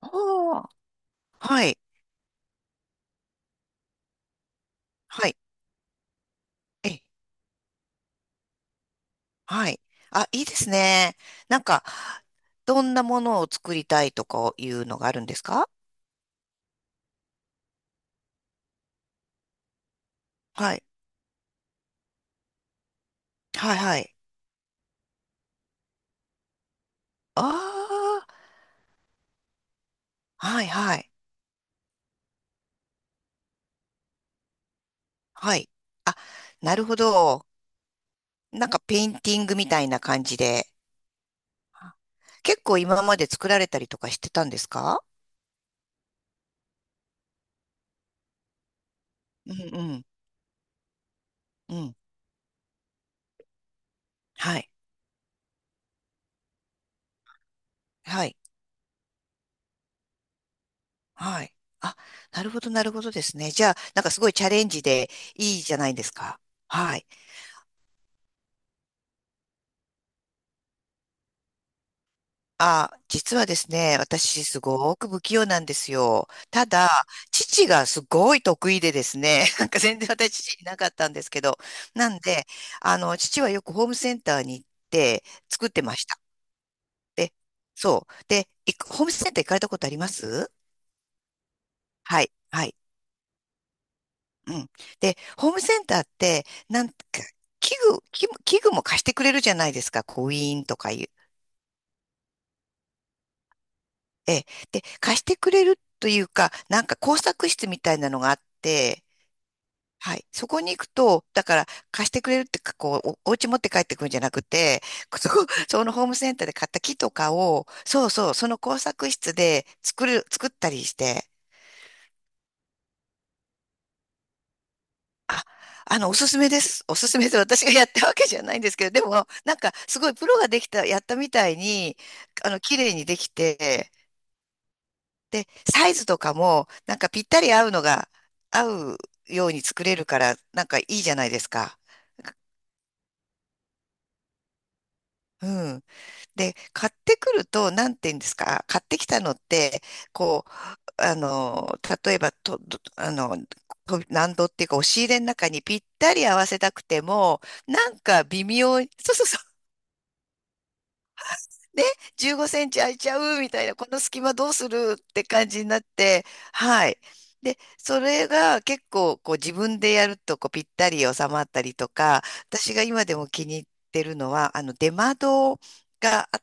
ああ、はい、はい、え、はい。あ、いいですね。なんか、どんなものを作りたいとかいうのがあるんですか？はい、はい、はい。ああ、はい、はい、はい。あ、なるほど。なんかペインティングみたいな感じで。結構今まで作られたりとかしてたんですか？うんうん、うん。はい、はい、はい。あ、なるほど、なるほどですね。じゃあ、なんかすごいチャレンジでいいじゃないですか。はい。あ、実はですね、私すごく不器用なんですよ。ただ、父がすごい得意でですね、なんか全然私父いなかったんですけど、なんで、あの、父はよくホームセンターに行って作ってました。で、そう。で、ホームセンター行かれたことあります？はい、はい。うん。で、ホームセンターって、なんか、器具も貸してくれるじゃないですか。コインとかいう？ええ。で、貸してくれるというか、なんか工作室みたいなのがあって、はい。そこに行くと、だから貸してくれるってか、こう、お家持って帰ってくるんじゃなくて、そのホームセンターで買った木とかを、そうそう、その工作室で作ったりして、あ、あの、おすすめです。おすすめで私がやったわけじゃないんですけど、でも、なんか、すごいプロができた、やったみたいに、あの、綺麗にできて、で、サイズとかも、なんかぴったり合うように作れるから、なんかいいじゃないですか。うん。で、買ってくると、なんて言うんですか、買ってきたのって、こう、あの、例えばと、どあの、と難度っていうか、押し入れの中にぴったり合わせたくても、なんか微妙に、そうそうで、15センチ空いちゃうみたいな、この隙間どうするって感じになって、はい。で、それが結構こう自分でやるとこうぴったり収まったりとか、私が今でも気に入ってるのは、あの出窓があ、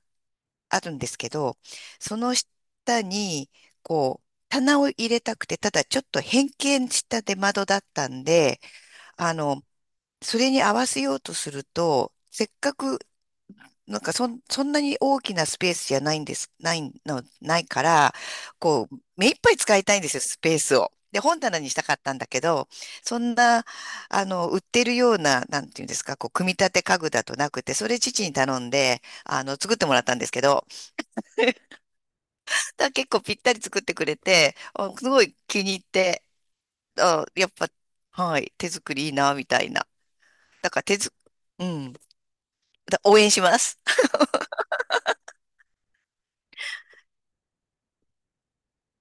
あるんですけど、その下にこう棚を入れたくて、ただちょっと変形した出窓だったんで、あの、それに合わせようとすると、せっかくなんかそんなに大きなスペースじゃないんです、ないの、ないから、こう、目いっぱい使いたいんですよ、スペースを。で、本棚にしたかったんだけど、そんな、あの、売ってるような、なんていうんですか、こう、組み立て家具だとなくて、それ父に頼んで、あの、作ってもらったんですけど、だから結構ぴったり作ってくれて、あすごい気に入って、あ、やっぱ、はい、手作りいいな、みたいな。だから手作、うん、応援します。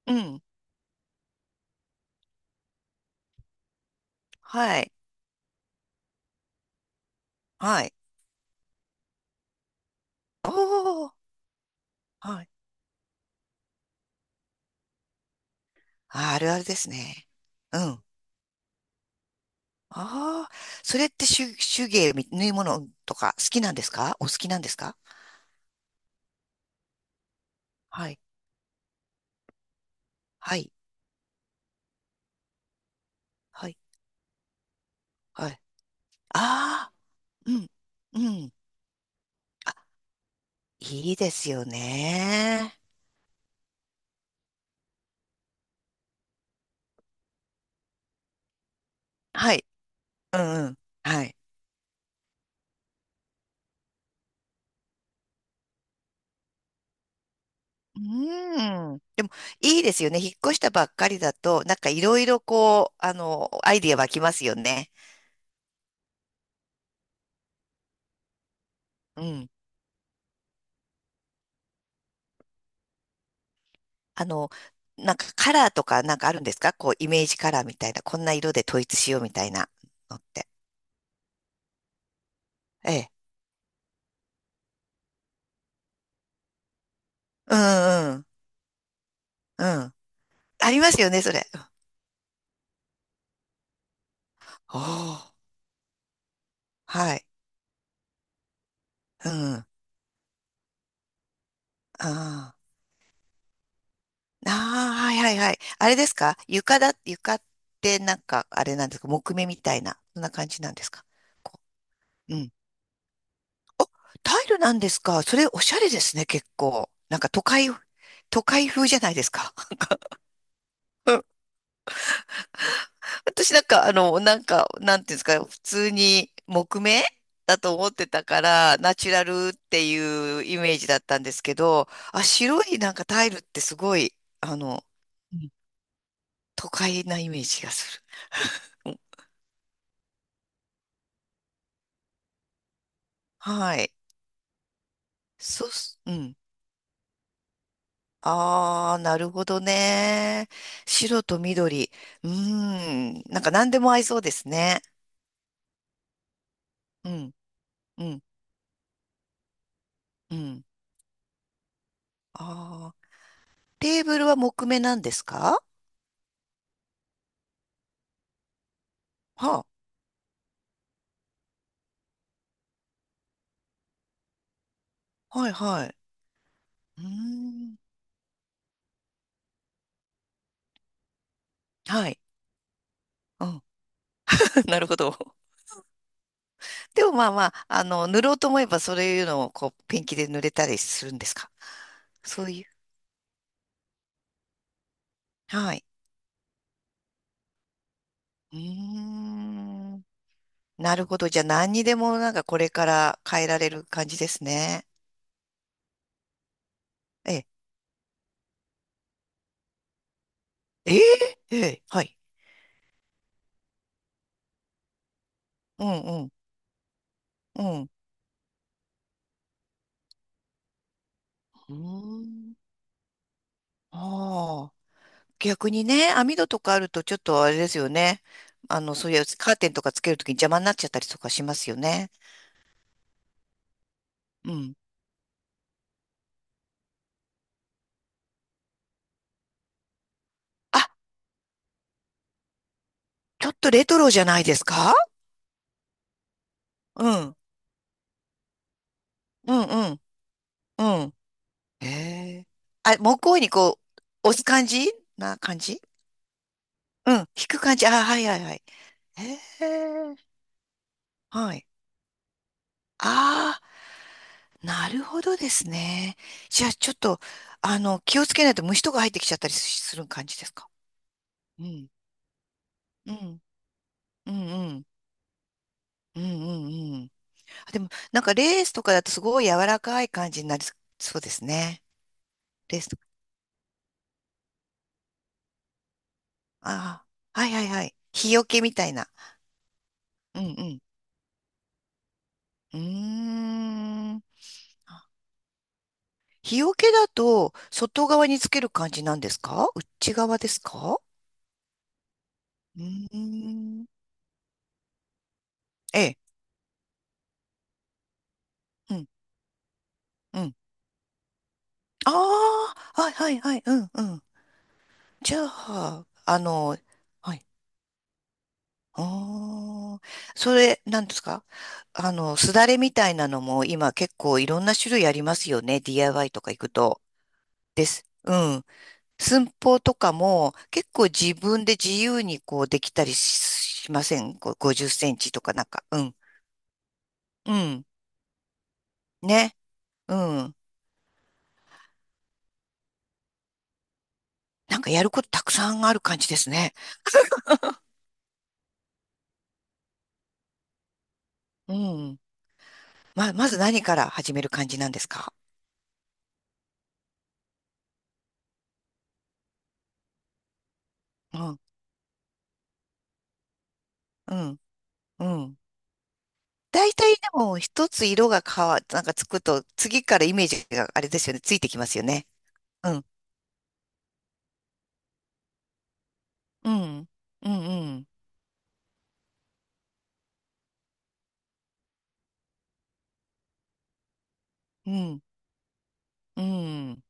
うん、はい、はい。おー、はい。あ、あるあるですね。うん。ああ、それって手、手芸み、縫い物とか好きなんですか？お好きなんですか？はい。はい。はい。はい。ああ、うん。うん。あ、いいですよね。はい。うんうん。はい。うーん。でも、いいですよね。引っ越したばっかりだと、なんかいろいろこう、あの、アイディア湧きますよね。うん。あの、なんかカラーとかなんかあるんですか？こう、イメージカラーみたいな、こんな色で統一しようみたいなのって。ええ。うんうん。うん。ありますよね、それ。おおー、はい。うん。ああ。ああ、はいはいはい。あれですか？床ってなんか、あれなんですか？木目みたいな、そんな感じなんですか？こう。うん。お、タイルなんですか？それおしゃれですね、結構。なんか都会、都会風じゃないですか。私なんか、あの、なんか、なんていうんですか、普通に木目だと思ってたから、ナチュラルっていうイメージだったんですけど、あ、白いなんかタイルってすごい、あの、うん都会なイメージがする。はい。そうす、うん。ああ、なるほどね。白と緑。うーん。なんか何でも合いそうですね。うん、うん、うん。ああ、テーブルは木目なんですか？はあ、はい、はい。うーん。はい。うん。なるほど。でもまあまあ、あの、塗ろうと思えばそういうのをこう、ペンキで塗れたりするんですか？そういう。はい。うーん。なるほど。じゃあ何にでもなんかこれから変えられる感じですね。ええ。ええ。ええ。はい。うんうん。うん。うーん。ああ。逆にね、網戸とかあるとちょっとあれですよね。あの、そういうカーテンとかつけるときに邪魔になっちゃったりとかしますよね。うん。あ、ちょっとレトロじゃないですか？うん、うん、うん、うん。へえ。あ、向こうにこう、押す感じな感じ、うん、引く感じ。あ、はいはいはい。へえ。はい。ああ、なるほどですね。じゃあちょっと、あの、気をつけないと虫とか入ってきちゃったりする感じですか？うん、うん、うん、うん、うん、うんうん。あでも、なんかレースとかだとすごい柔らかい感じになりそうですね。レースとか。ああ、はいはいはい。日よけみたいな。うんうん。うーん。あ、日よけだと外側につける感じなんですか？内側ですか？うーん。ええ。うん。うん。ああ、はいはいはい。うんうん。じゃあ、あの、はい。ああ、それ、なんですか？あの、すだれみたいなのも今結構いろんな種類ありますよね。DIY とか行くと。です。うん。寸法とかも結構自分で自由にこうできたりしません？こう50センチとかなんか。うん。うん。ね。うん。なんかやることたくさんある感じですね。うん。まず何から始める感じなんですか？うん。うん。うん。大体でも一つ色が変わ、なんかつくと次からイメージがあれですよね。ついてきますよね。うん。うん。うん。うん。うん。うん。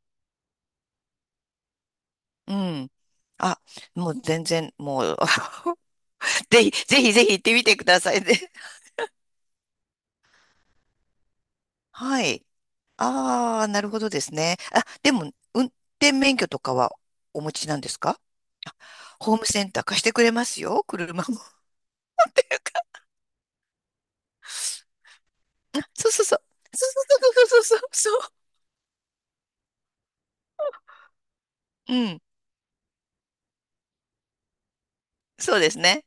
うん。あ、もう全然、もう ぜひ、ぜひぜひ行ってみてくださいね。はい。ああ、なるほどですね。あ、でも、運転免許とかはお持ちなんですか？あ、ホームセンター貸してくれますよ、車も。そうそうそう。そうそうそうそうそうそう。うん。そうですね。